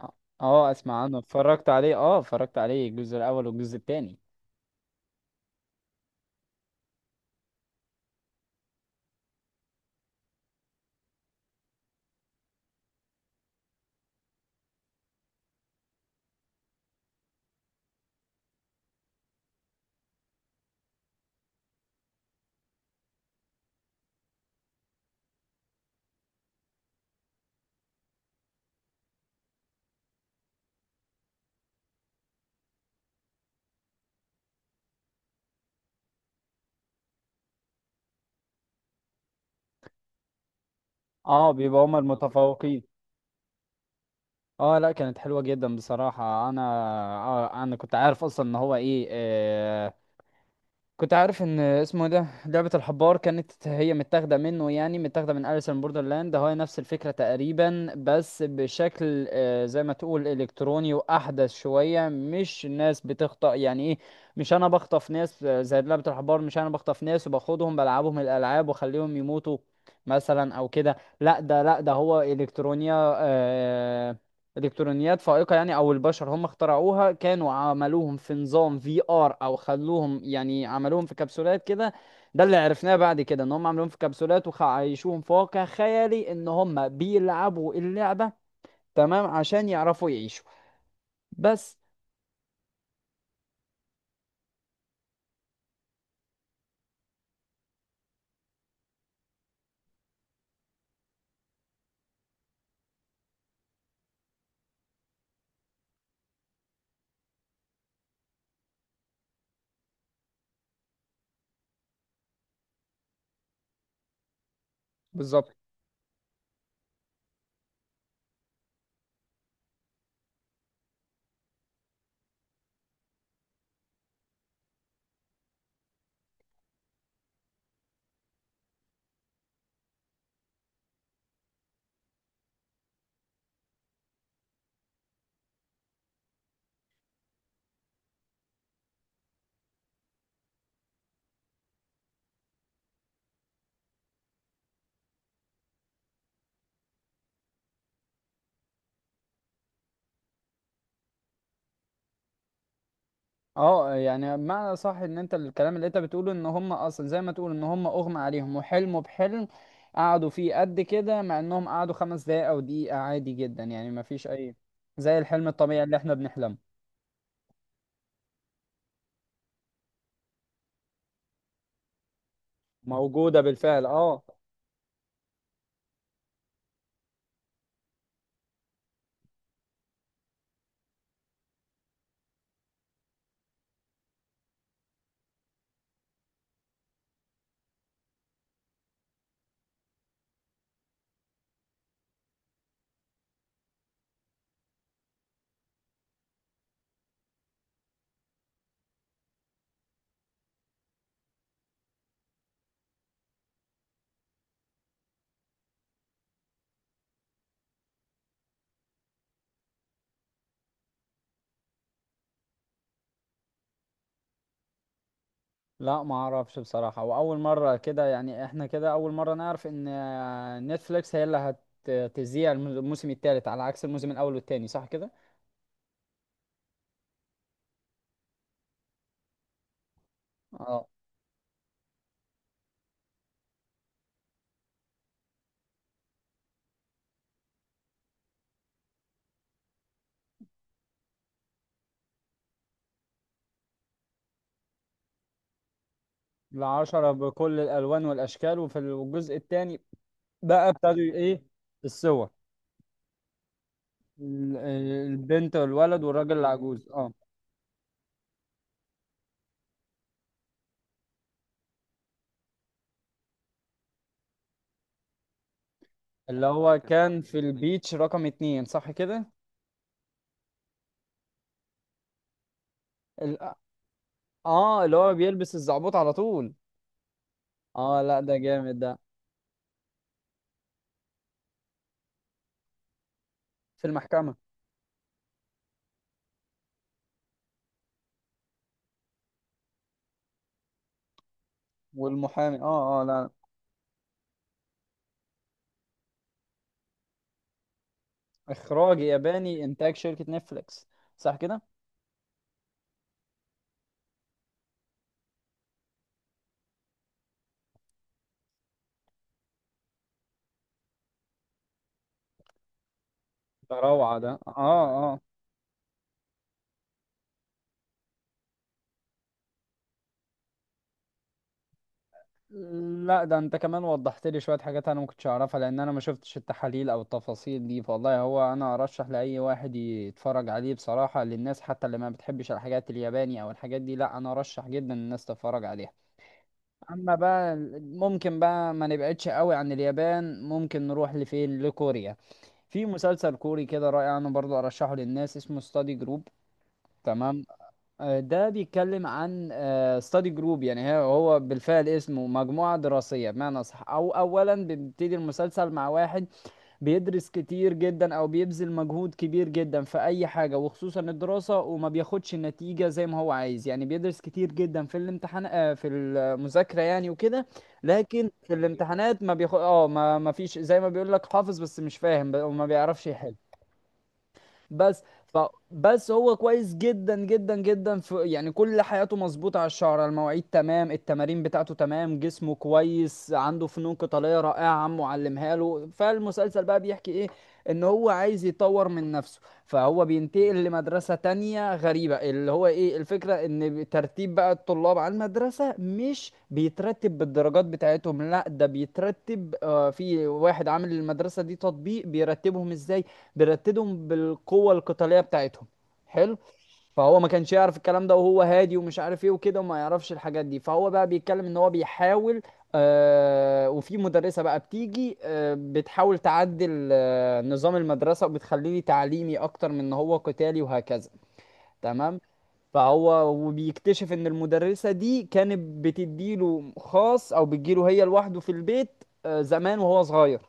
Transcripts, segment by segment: اه. اسمع عنه، اتفرجت عليه، الجزء الاول والجزء الثاني. اه، بيبقى هما المتفوقين. اه، لا كانت حلوه جدا بصراحه انا. آه، انا كنت عارف اصلا ان هو ايه. كنت عارف ان اسمه إيه، ده لعبة الحبار كانت هي متاخدة منه، يعني متاخدة من أليس ان بوردرلاند، هو نفس الفكرة تقريبا بس بشكل زي ما تقول الكتروني واحدث شوية، مش الناس بتخطأ يعني ايه. مش انا بخطف ناس، زي لعبة الحبار، مش انا بخطف ناس وباخدهم بلعبهم الالعاب واخليهم يموتوا مثلا او كده. لا ده هو الكترونيا. الكترونيات فائقه، يعني او البشر هم اخترعوها، كانوا عملوهم في نظام في ار، او خلوهم، يعني عملوهم في كبسولات كده. ده اللي عرفناه بعد كده، ان هم عملوهم في كبسولات وعايشوهم في واقع خيالي ان هم بيلعبوا اللعبه تمام عشان يعرفوا يعيشوا. بس. بالظبط. اه، يعني معنى صح ان انت الكلام اللي انت بتقوله ان هم اصلا زي ما تقول ان هم اغمى عليهم وحلموا بحلم قعدوا فيه قد كده، مع انهم قعدوا خمس دقايق او دقيقة، عادي جدا يعني، ما فيش اي، زي الحلم الطبيعي اللي احنا بنحلمه. موجودة بالفعل، اه. لا، ما اعرفش بصراحة، واول مرة كده، يعني احنا كده اول مرة نعرف ان نتفليكس هي اللي هتذيع الموسم الثالث على عكس الموسم الاول والثاني، صح كده؟ اه. العشرة بكل الالوان والاشكال، وفي الجزء الثاني بقى ابتدوا ايه؟ الصور. ال- البنت والولد والراجل العجوز، اه. اللي هو كان في البيتش رقم اتنين، صح كده؟ ال... اه، اللي هو بيلبس الزعبوط على طول. اه، لا ده جامد ده. في المحكمة. والمحامي، اه اه، لا. اخراج ياباني، انتاج شركة نتفليكس، صح كده؟ ده روعة ده، اه اه. لا، ده انت كمان وضحت لي شوية حاجات انا ما كنتش اعرفها، لان انا ما شفتش التحاليل او التفاصيل دي، فوالله هو انا ارشح لاي واحد يتفرج عليه بصراحة، للناس حتى اللي ما بتحبش الحاجات الياباني او الحاجات دي، لا انا ارشح جدا الناس تتفرج عليها. اما بقى ممكن بقى ما نبعدش قوي عن اليابان، ممكن نروح لفين، لكوريا. في مسلسل كوري كده رائع انا برضو ارشحه للناس، اسمه ستادي جروب. تمام. ده بيتكلم عن ستادي جروب، يعني هو بالفعل اسمه مجموعة دراسية بمعنى صح، أو أولا بيبتدي المسلسل مع واحد بيدرس كتير جدا أو بيبذل مجهود كبير جدا في أي حاجة، وخصوصا الدراسة، وما بياخدش النتيجة زي ما هو عايز، يعني بيدرس كتير جدا في الامتحان، في المذاكرة يعني وكده. لكن في الامتحانات ما بياخد، ما فيش، زي ما بيقول لك حافظ بس مش فاهم، وما بيعرفش يحل. بس ف بس هو كويس جدا جدا جدا في، يعني كل حياته مظبوطة، على الشعر، على المواعيد تمام، التمارين بتاعته تمام، جسمه كويس، عنده فنون قتالية رائعة عمه علمها له. فالمسلسل بقى بيحكي ايه؟ ان هو عايز يطور من نفسه، فهو بينتقل لمدرسة تانية غريبة، اللي هو ايه، الفكرة ان ترتيب بقى الطلاب على المدرسة مش بيترتب بالدرجات بتاعتهم، لا ده بيترتب، في واحد عامل المدرسة دي تطبيق بيرتبهم ازاي، بيرتدهم بالقوه القتاليه بتاعتهم. حلو. فهو ما كانش يعرف الكلام ده، وهو هادي ومش عارف ايه وكده وما يعرفش الحاجات دي، فهو بقى بيتكلم ان هو بيحاول، وفي مدرسه بقى بتيجي بتحاول تعدل نظام المدرسه وبتخليه تعليمي اكتر من ان هو قتالي وهكذا. تمام. فهو وبيكتشف ان المدرسه دي كانت بتديله خاص او بتجيله هي لوحده في البيت زمان وهو صغير.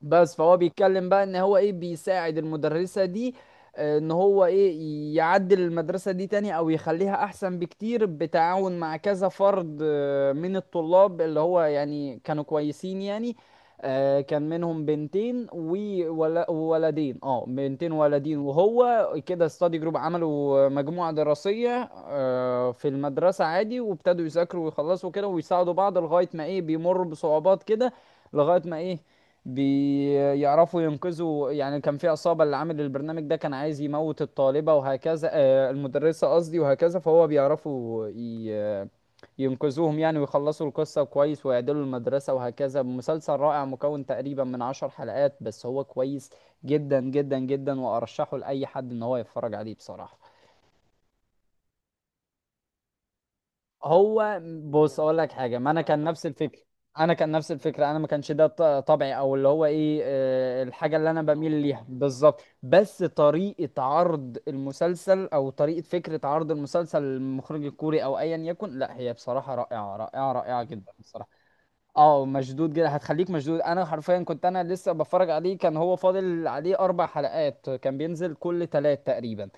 بس فهو بيتكلم بقى ان هو ايه، بيساعد المدرسة دي، ان هو ايه، يعدل المدرسة دي تاني او يخليها احسن بكتير بتعاون مع كذا فرد، من الطلاب اللي هو يعني كانوا كويسين يعني. كان منهم بنتين وولدين، وهو كده ستادي جروب، عملوا مجموعة دراسية في المدرسة عادي وابتدوا يذاكروا ويخلصوا كده ويساعدوا بعض، لغاية ما ايه، بيمروا بصعوبات كده، لغاية ما ايه، بيعرفوا ينقذوا، يعني كان في عصابة اللي عامل البرنامج ده كان عايز يموت الطالبة وهكذا، المدرسة قصدي، وهكذا فهو بيعرفوا ينقذوهم يعني ويخلصوا القصة كويس ويعدلوا المدرسة وهكذا. مسلسل رائع مكون تقريبا من عشر حلقات، بس هو كويس جدا جدا جدا وأرشحه لأي حد إن هو يتفرج عليه بصراحة. هو بص اقول لك حاجه، ما انا كان نفس الفكره، انا كان نفس الفكره، انا ما كانش ده طبعي، او اللي هو ايه، الحاجه اللي انا بميل ليها بالظبط، بس طريقه عرض المسلسل او طريقه فكره عرض المسلسل للمخرج الكوري او ايا يكن، لا هي بصراحه رائعه رائعه رائعه جدا بصراحه. اه، مشدود جدا، هتخليك مشدود، انا حرفيا كنت انا لسه بتفرج عليه كان هو فاضل عليه اربع حلقات، كان بينزل كل تلات تقريبا،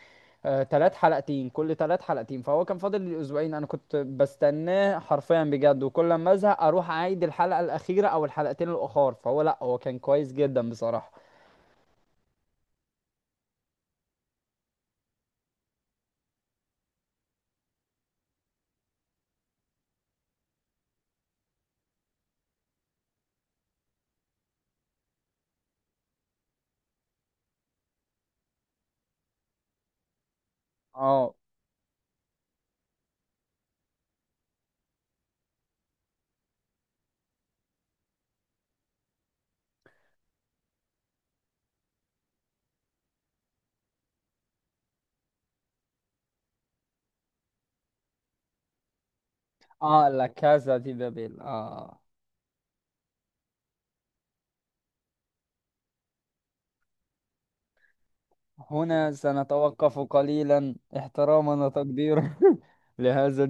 تلات حلقتين كل تلات حلقتين، فهو كان فاضل لي اسبوعين، انا كنت بستناه حرفيا بجد، وكل ما ازهق اروح اعيد الحلقة الاخيرة او الحلقتين الاخر، فهو لا هو كان كويس جدا بصراحة. اه اه، لا كازا دي بابيل، اه. هنا سنتوقف قليلا احتراما وتقديرا لهذا.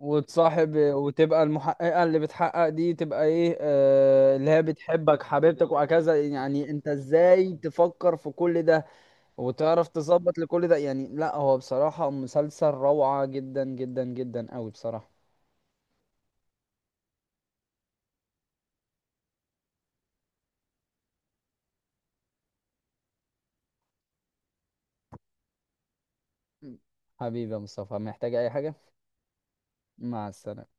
وتصاحب وتبقى المحققة اللي بتحقق دي تبقى ايه، اللي هي بتحبك، حبيبتك وهكذا، يعني انت ازاي تفكر في كل ده وتعرف تظبط لكل ده؟ يعني لا هو بصراحة مسلسل روعة جدا جدا جدا قوي بصراحة. حبيبي يا مصطفى، محتاج اي حاجة؟ مع السلامة.